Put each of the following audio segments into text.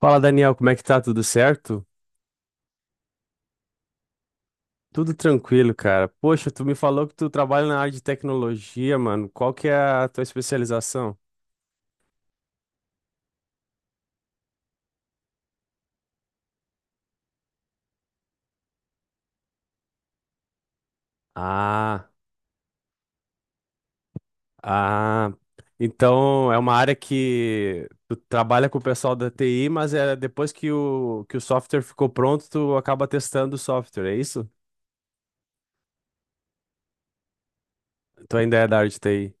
Fala, Daniel, como é que tá? Tudo certo? Tudo tranquilo, cara. Poxa, tu me falou que tu trabalha na área de tecnologia, mano. Qual que é a tua especialização? Ah, ah. Então é uma área que tu trabalha com o pessoal da TI, mas é depois que o software ficou pronto, tu acaba testando o software, é isso? Tu ainda é da área de TI.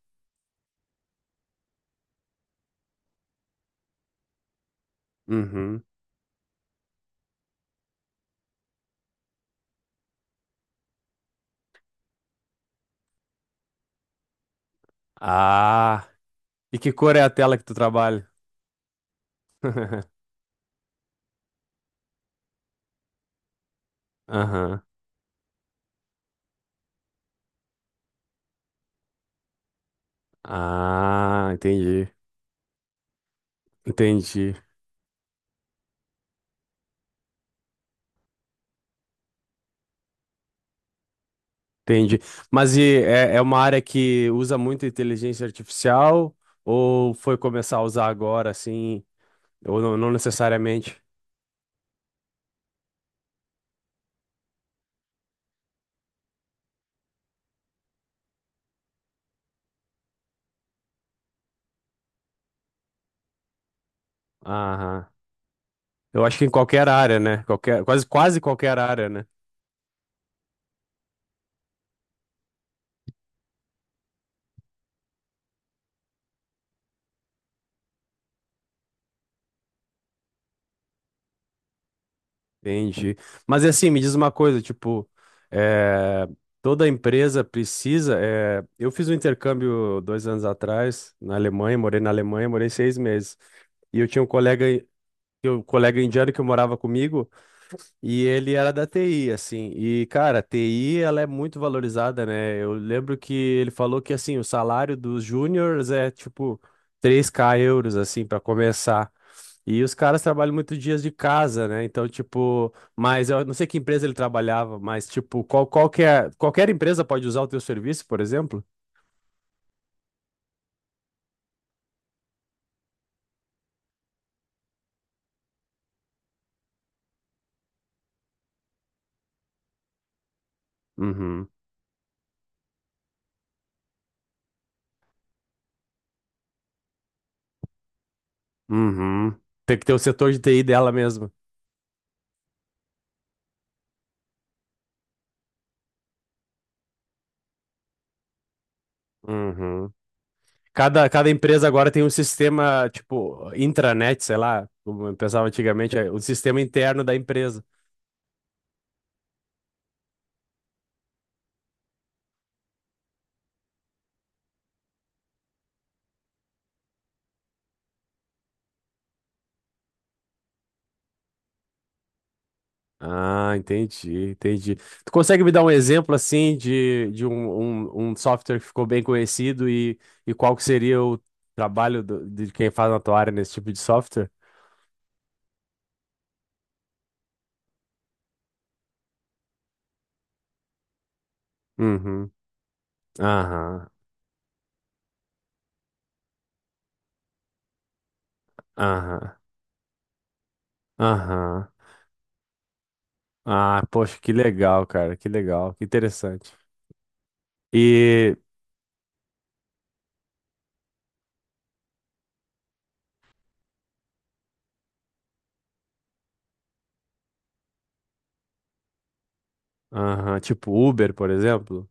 Uhum. Ah, e que cor é a tela que tu trabalha? Aham. Ah, entendi. Entendi. Entendi. Mas é uma área que usa muito inteligência artificial ou foi começar a usar agora, assim, ou não, não necessariamente? Aham. Eu acho que em qualquer área, né? Qualquer, quase qualquer área, né? Entendi. Mas e assim, me diz uma coisa, tipo, eh, toda empresa precisa. Eu fiz um intercâmbio 2 anos atrás na Alemanha, morei 6 meses. E eu tinha um colega indiano que morava comigo. E ele era da TI, assim. E, cara, a TI, ela é muito valorizada, né? Eu lembro que ele falou que, assim, o salário dos júniors é, tipo, 3K euros, assim, para começar. E os caras trabalham muito dias de casa, né? Então, tipo, mas eu não sei que empresa ele trabalhava, mas, tipo, qualquer empresa pode usar o teu serviço, por exemplo? Uhum. Uhum. Tem que ter o setor de TI dela mesmo. Uhum. Cada empresa agora tem um sistema, tipo, intranet, sei lá, como eu pensava antigamente, é o sistema interno da empresa. Ah, entendi, entendi. Tu consegue me dar um exemplo, assim, de um software que ficou bem conhecido e qual que seria o trabalho de quem faz na tua área nesse tipo de software? Uhum, aham, aham, aham. Ah, poxa, que legal, cara, que legal, que interessante. E, aham, tipo Uber, por exemplo?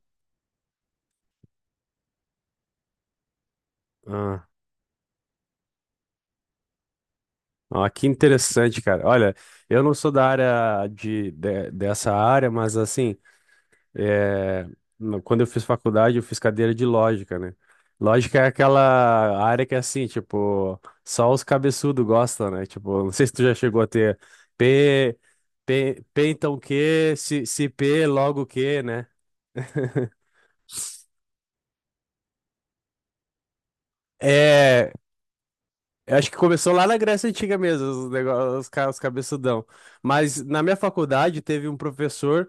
Ah, que interessante, cara. Olha, eu não sou da área dessa área, mas assim, é, quando eu fiz faculdade, eu fiz cadeira de lógica, né? Lógica é aquela área que é assim, tipo, só os cabeçudos gostam, né? Tipo, não sei se tu já chegou a ter P, P então Q, se P logo Q, né? É, eu acho que começou lá na Grécia Antiga mesmo, os negócios, os cabeçudão. Mas na minha faculdade teve um professor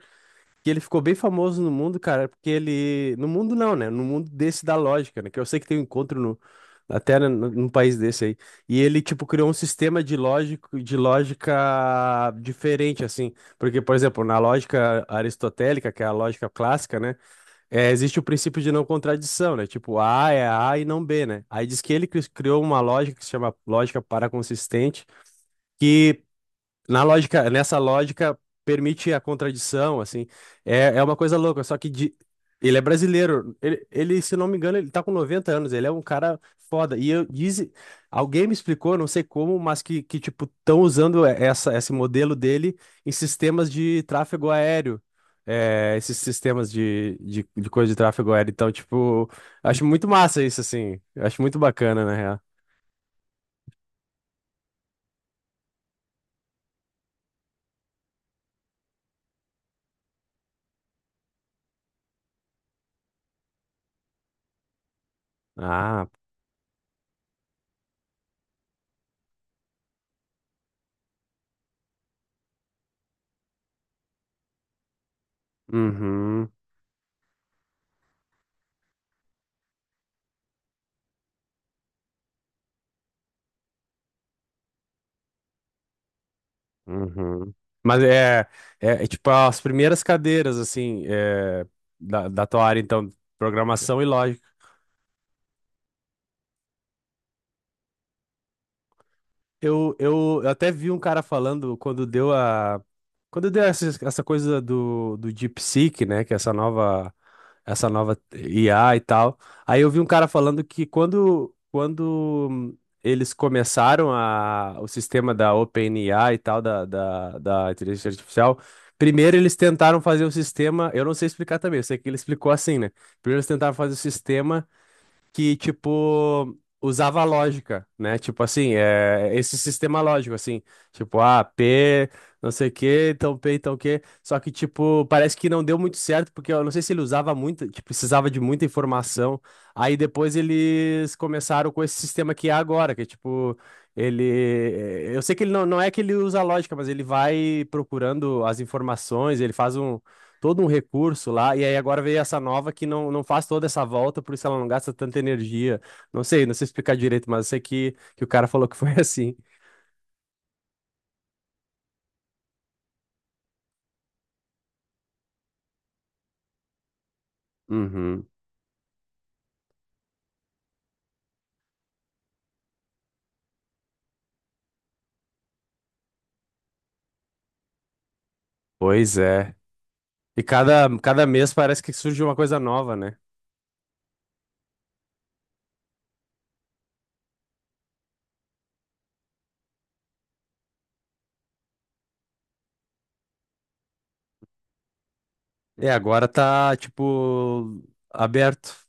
que ele ficou bem famoso no mundo, cara, porque ele. No mundo não, né? No mundo desse da lógica, né? Que eu sei que tem um encontro no. Até num país desse aí. E ele, tipo, criou de lógica diferente, assim. Porque, por exemplo, na lógica aristotélica, que é a lógica clássica, né? Existe o princípio de não contradição, né? Tipo, A é A e não B, né? Aí diz que criou uma lógica que se chama lógica paraconsistente, que nessa lógica permite a contradição, assim. É, é uma coisa louca, só que ele é brasileiro. Se não me engano, ele tá com 90 anos, ele é um cara foda. E eu disse, alguém me explicou, não sei como, mas que tipo, estão usando esse modelo dele em sistemas de tráfego aéreo. É, esses sistemas de coisa de tráfego aéreo. Então, tipo, acho muito massa isso, assim. Acho muito bacana, na real. Ah, uhum. Uhum. Mas é tipo as primeiras cadeiras, assim, da, da tua área, então, programação e lógica. Eu até vi um cara falando quando deu a. Quando deu essa, essa coisa do DeepSeek, né? Que é essa nova IA e tal. Aí eu vi um cara falando que quando eles começaram a, o sistema da OpenAI e tal, da inteligência artificial, primeiro eles tentaram fazer o sistema. Eu não sei explicar também, eu sei que ele explicou assim, né? Primeiro eles tentaram fazer o sistema que, tipo, usava lógica, né? Tipo assim, esse sistema lógico, assim, tipo, ah, P, não sei o quê, então P, então o quê. Só que, tipo, parece que não deu muito certo, porque eu não sei se ele usava muito, tipo, precisava de muita informação. Aí depois eles começaram com esse sistema que é agora, que é tipo. Ele, eu sei que ele não é que ele usa lógica, mas ele vai procurando as informações, ele faz todo um recurso lá, e aí agora veio essa nova que não, não faz toda essa volta, por isso ela não gasta tanta energia. Não sei, não sei explicar direito, mas eu sei que o cara falou que foi assim. Uhum. Pois é. E cada mês parece que surge uma coisa nova, né? E agora tá, tipo, aberto.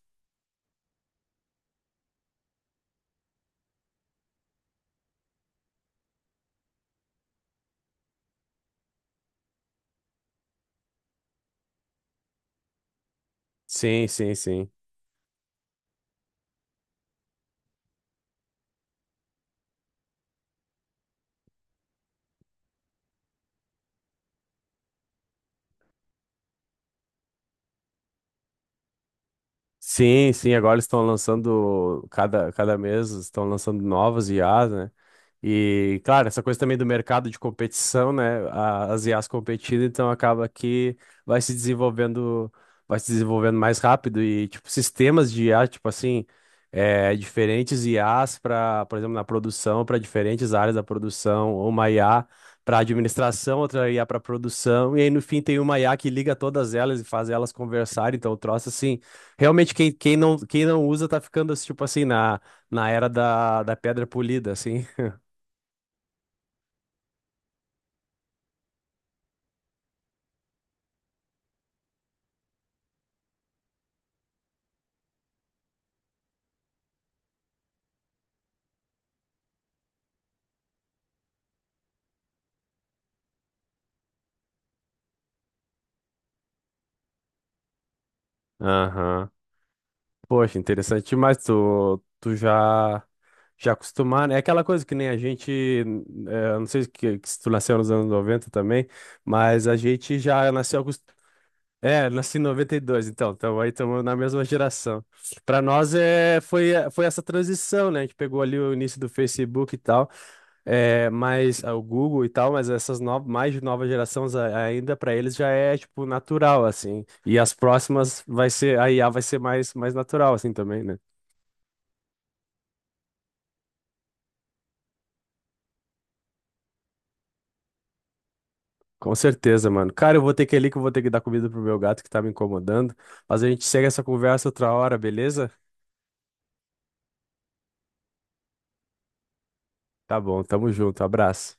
Sim, sim, sim. Sim, sim, agora eles estão lançando, cada mês estão lançando novas IAs, né? E, claro, essa coisa também do mercado de competição, né? As IAs competindo, então acaba que vai se desenvolvendo, vai se desenvolvendo mais rápido e, tipo, sistemas de IA, tipo assim, diferentes IAs para, por exemplo, na produção, para diferentes áreas da produção, ou uma IA para administração, outra IA para produção, e aí no fim tem uma IA que liga todas elas e faz elas conversarem, então o troço assim. Realmente, quem não usa tá ficando, tipo assim, na era da, da pedra polida, assim. Aham. Poxa, interessante demais. Já acostumar, né? É aquela coisa que nem a gente, eu não sei que se tu nasceu nos anos 90 também, mas a gente já nasceu É, nasci em 92 então, então aí estamos na mesma geração. Para nós foi essa transição, né? A gente pegou ali o início do Facebook e tal. É, mas ah, o Google e tal, mas essas novas, mais de nova gerações ainda para eles já é tipo natural assim. E as próximas vai ser a IA vai ser mais natural assim também, né? Com certeza, mano. Cara, eu vou ter que ir ali que eu vou ter que dar comida pro meu gato que tá me incomodando. Mas a gente segue essa conversa outra hora, beleza? Tá bom, tamo junto. Abraço.